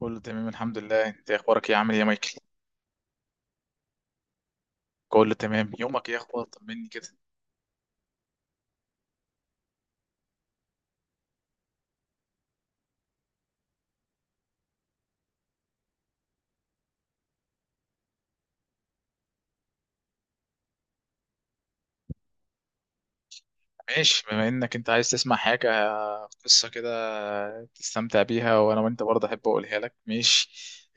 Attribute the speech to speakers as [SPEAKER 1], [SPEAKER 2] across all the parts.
[SPEAKER 1] كله تمام، الحمد لله. انت اخبارك ايه؟ عامل ايه يا مايكل؟ كله تمام. يومك ايه اخبار؟ طمني كده. ماشي، بما انك انت عايز تسمع حاجه، قصه كده تستمتع بيها، وانا وانت برضه احب اقولها لك. ماشي.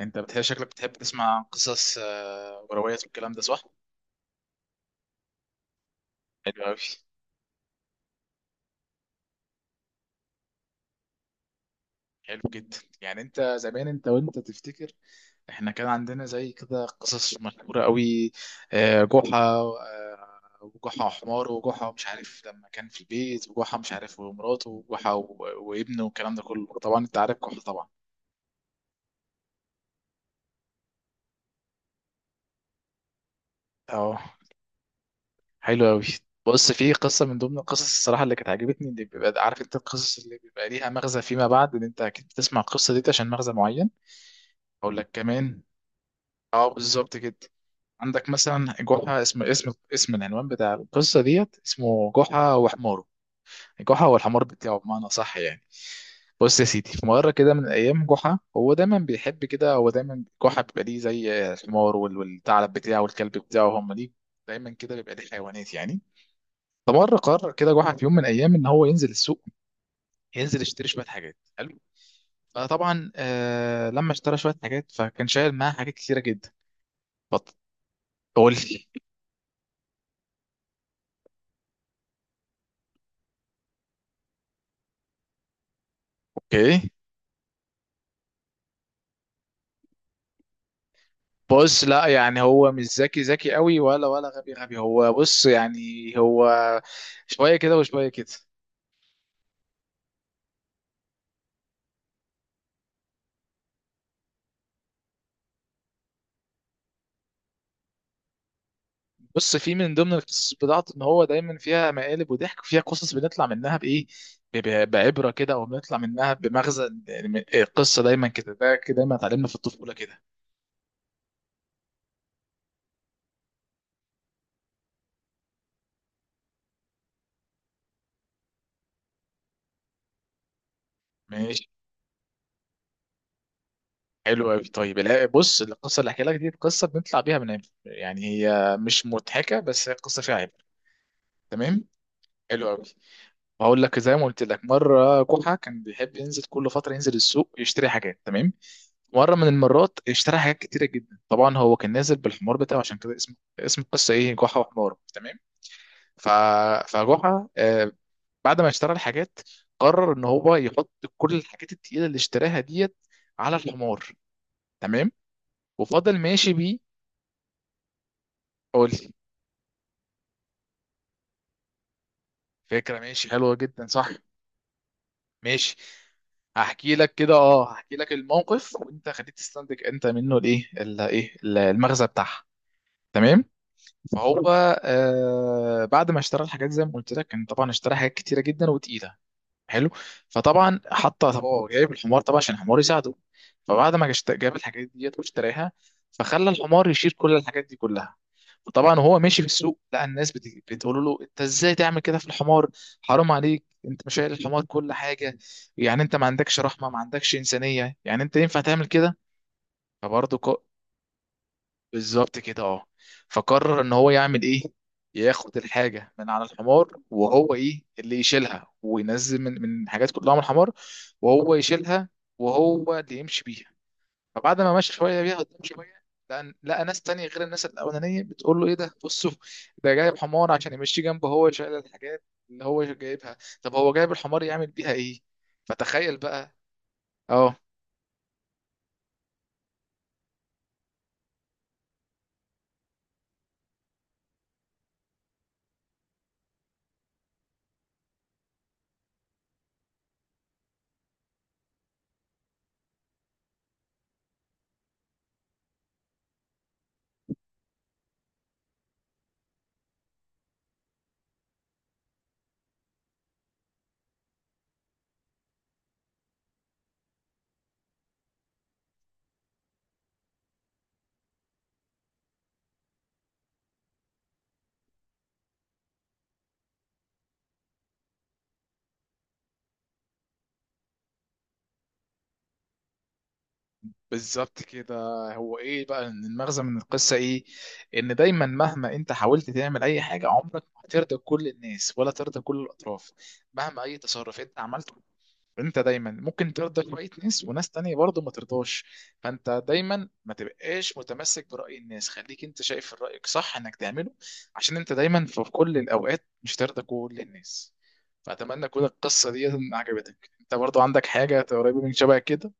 [SPEAKER 1] انت بتحب، شكلك بتحب تسمع قصص، وروايات والكلام ده، صح؟ حلو قوي. حلو جدا. يعني انت زمان، وانت تفتكر، احنا كان عندنا زي كده قصص مشهورة قوي. جحا وجحا حمار، وجحا مش عارف لما كان في البيت، وجحا مش عارف، ومراته، وجحا وابنه، والكلام ده كله. طبعا انت عارف جحا طبعا. اه، حلو قوي. بص، في قصة من ضمن القصص، الصراحة، اللي كانت عجبتني، اللي بيبقى عارف انت القصص اللي بيبقى ليها مغزى فيما بعد، ان انت اكيد بتسمع القصة دي عشان مغزى معين. اقول لك كمان، اه، بالظبط كده. عندك مثلا جحا، اسم العنوان بتاع القصة ديت، اسمه جحا وحماره، جحا والحمار بتاعه، بمعنى، صح يعني. بص يا سيدي، في مرة كده من الأيام، جحا هو دايما بيحب كده، هو دايما جحا بيبقى ليه زي الحمار والثعلب بتاعه والكلب بتاعه، هم ليه دايما كده بيبقى ليه حيوانات يعني. فمرة قرر كده جحا في يوم من الأيام إن هو ينزل السوق، ينزل يشتري شوية حاجات. حلو. فطبعا، لما اشترى شوية حاجات، فكان شايل معاه حاجات كتيرة جدا. فقول لي. اوكي. بص، لا يعني، هو مش ذكي ذكي قوي، ولا غبي غبي، هو بص يعني هو شويه كده وشويه كده. بص، في من ضمن القصص بتاعته ان هو دايما فيها مقالب وضحك، وفيها قصص بنطلع منها بايه، بعبره كده، او بنطلع منها بمغزى. يعني القصه دايما كده، ده كده دايما اتعلمنا في الطفوله كده. ماشي. حلو قوي. طيب، لا، بص، القصه اللي احكي لك دي قصه بنطلع بيها من عبر، يعني هي مش مضحكه بس هي قصه فيها عبره. تمام. حلو قوي. وهقول لك، زي ما قلت لك، مره كحه كان بيحب ينزل كل فتره، ينزل السوق يشتري حاجات. تمام. مره من المرات اشترى حاجات كتيره جدا. طبعا هو كان نازل بالحمار بتاعه، عشان كده اسم القصه ايه؟ جحا وحمار. تمام. ف فجحا بعد ما اشترى الحاجات، قرر ان هو يحط كل الحاجات التقيله اللي اشتراها ديت على الحمار. تمام. وفضل ماشي بيه. قول لي. فكره ماشي، حلوه جدا، صح. ماشي. هحكي لك كده، هحكي لك الموقف، وانت خليك تستنتج انت منه الايه المغزى بتاعها. تمام. فهو آه بعد ما اشترى الحاجات، زي ما قلت لك، كان طبعا اشترى حاجات كتيره جدا وتقيله. حلو. فطبعا، طب هو جايب الحمار طبعا عشان الحمار يساعده. فبعد ما جاب الحاجات ديت واشتراها، فخلى الحمار يشيل كل الحاجات دي كلها. وطبعا وهو ماشي في السوق، لقى الناس بتقول له: انت ازاي تعمل كده في الحمار؟ حرام عليك! انت مش شايل الحمار كل حاجه. يعني انت ما عندكش رحمه، ما عندكش انسانيه، يعني انت ينفع تعمل كده؟ فبرضه، بالظبط كده، اه. فقرر ان هو يعمل ايه؟ ياخد الحاجه من على الحمار، وهو ايه اللي يشيلها، وينزل من الحاجات كلها من الحمار، وهو يشيلها، وهو اللي يمشي بيها. فبعد ما مشى شويه بيها قدام شويه، لقى ناس تانية غير الناس الاولانيه بتقول له: ايه ده؟ بصوا، ده جايب حمار عشان يمشي جنبه، هو شايل الحاجات اللي هو جايبها. طب هو جايب الحمار يعمل بيها ايه؟ فتخيل بقى. اه، بالظبط كده. هو ايه بقى؟ إن المغزى من القصه ايه؟ ان دايما، مهما انت حاولت تعمل اي حاجه، عمرك ما هترضى كل الناس ولا ترضى كل الاطراف. مهما اي تصرف انت عملته، انت دايما ممكن ترضى شويه ناس، وناس تانية برضه ما ترضاش. فانت دايما ما تبقاش متمسك براي الناس، خليك انت شايف رايك صح انك تعمله، عشان انت دايما في كل الاوقات مش ترضى كل الناس. فاتمنى تكون القصه دي عجبتك. انت برضه عندك حاجه قريبه من شبه كده؟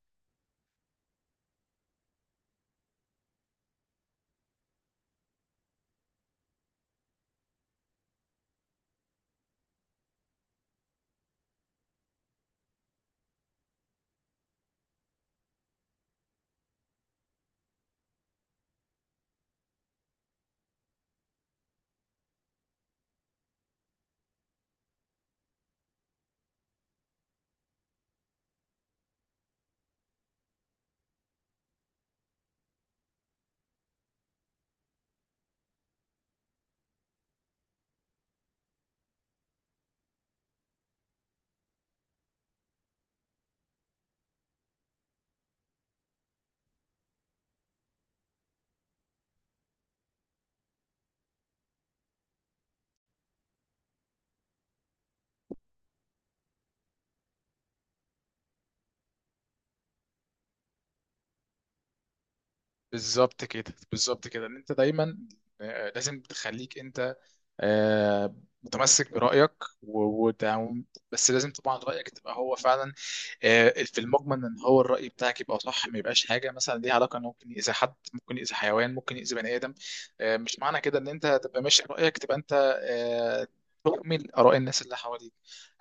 [SPEAKER 1] بالظبط كده، بالظبط كده، ان انت دايما لازم تخليك انت آه، متمسك برأيك، و... وت- بس لازم طبعا رأيك تبقى هو فعلا، في المجمل، ان هو الرأي بتاعك يبقى صح، ما يبقاش حاجة مثلا ليها علاقة انه ممكن يأذي حد، ممكن يأذي حيوان، ممكن يأذي بني آدم. مش معنى كده ان انت تبقى ماشي برأيك، تبقى انت آه، تؤمن آراء الناس اللي حواليك.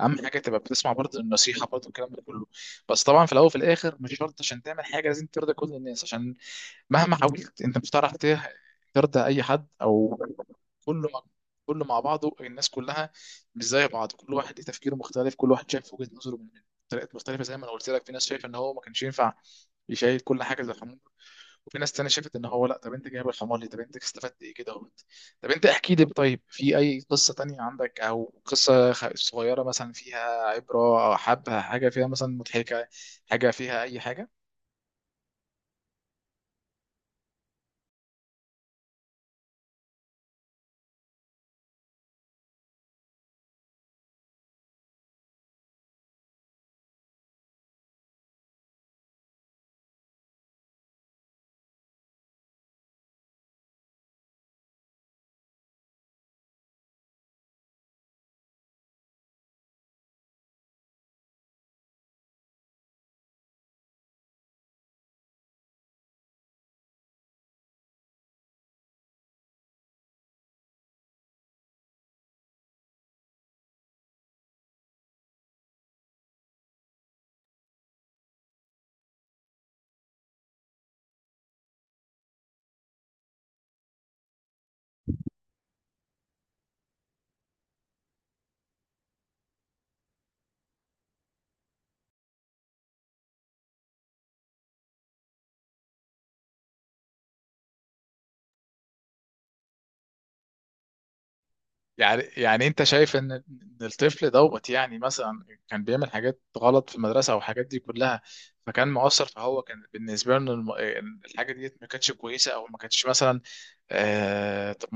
[SPEAKER 1] أهم حاجة تبقى بتسمع برضه النصيحة، برضه الكلام ده كله. بس طبعا في الأول وفي الآخر، مش شرط عشان تعمل حاجة لازم ترضي كل الناس، عشان مهما حاولت انت مش هتعرف ترضى اي حد، او كله مع- كله مع بعضه. الناس كلها مش زي بعض، كل واحد ليه تفكيره مختلف، كل واحد شايف وجهة نظره من طريقات مختلفة. زي ما انا قلت لك، في ناس شايفه ان هو ما كانش ينفع يشيل كل حاجة زي الحمار، وفي ناس تانية شافت ان هو لا، طب انت جايب الحمار ليه، طب انت استفدت ايه كده اهوت. طب انت احكي لي، طيب، في اي قصة تانية عندك، او قصة صغيرة مثلا فيها عبرة، او حبة حاجة فيها مثلا مضحكة، حاجة فيها اي حاجة. يعني انت شايف إن الطفل دوت، يعني مثلا كان بيعمل حاجات غلط في المدرسه والحاجات دي كلها، فكان مؤثر، فهو كان بالنسبه له الحاجه ديت ما كانتش كويسه، او ما كانتش مثلا، طب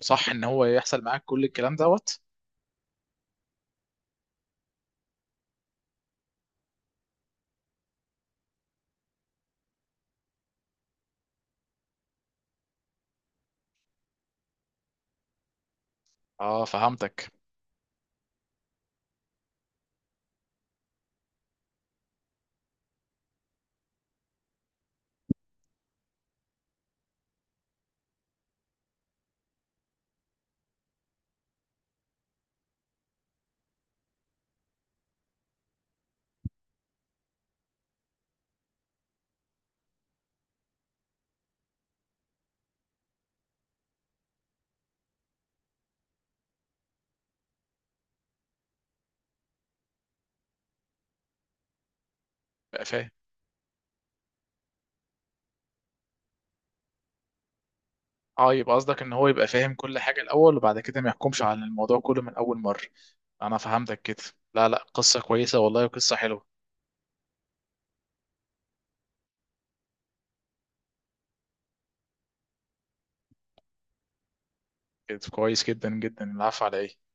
[SPEAKER 1] صح ان هو يحصل معاك كل الكلام دوت؟ اه، فهمتك. بقى فاهم. اه، يبقى قصدك ان هو يبقى فاهم كل حاجه الاول، وبعد كده ما يحكمش على الموضوع كله من اول مره. انا فهمتك كده. لا، لا، قصه كويسه والله، قصه حلوه. كده كويس جدا جدا. العفو، على ايه؟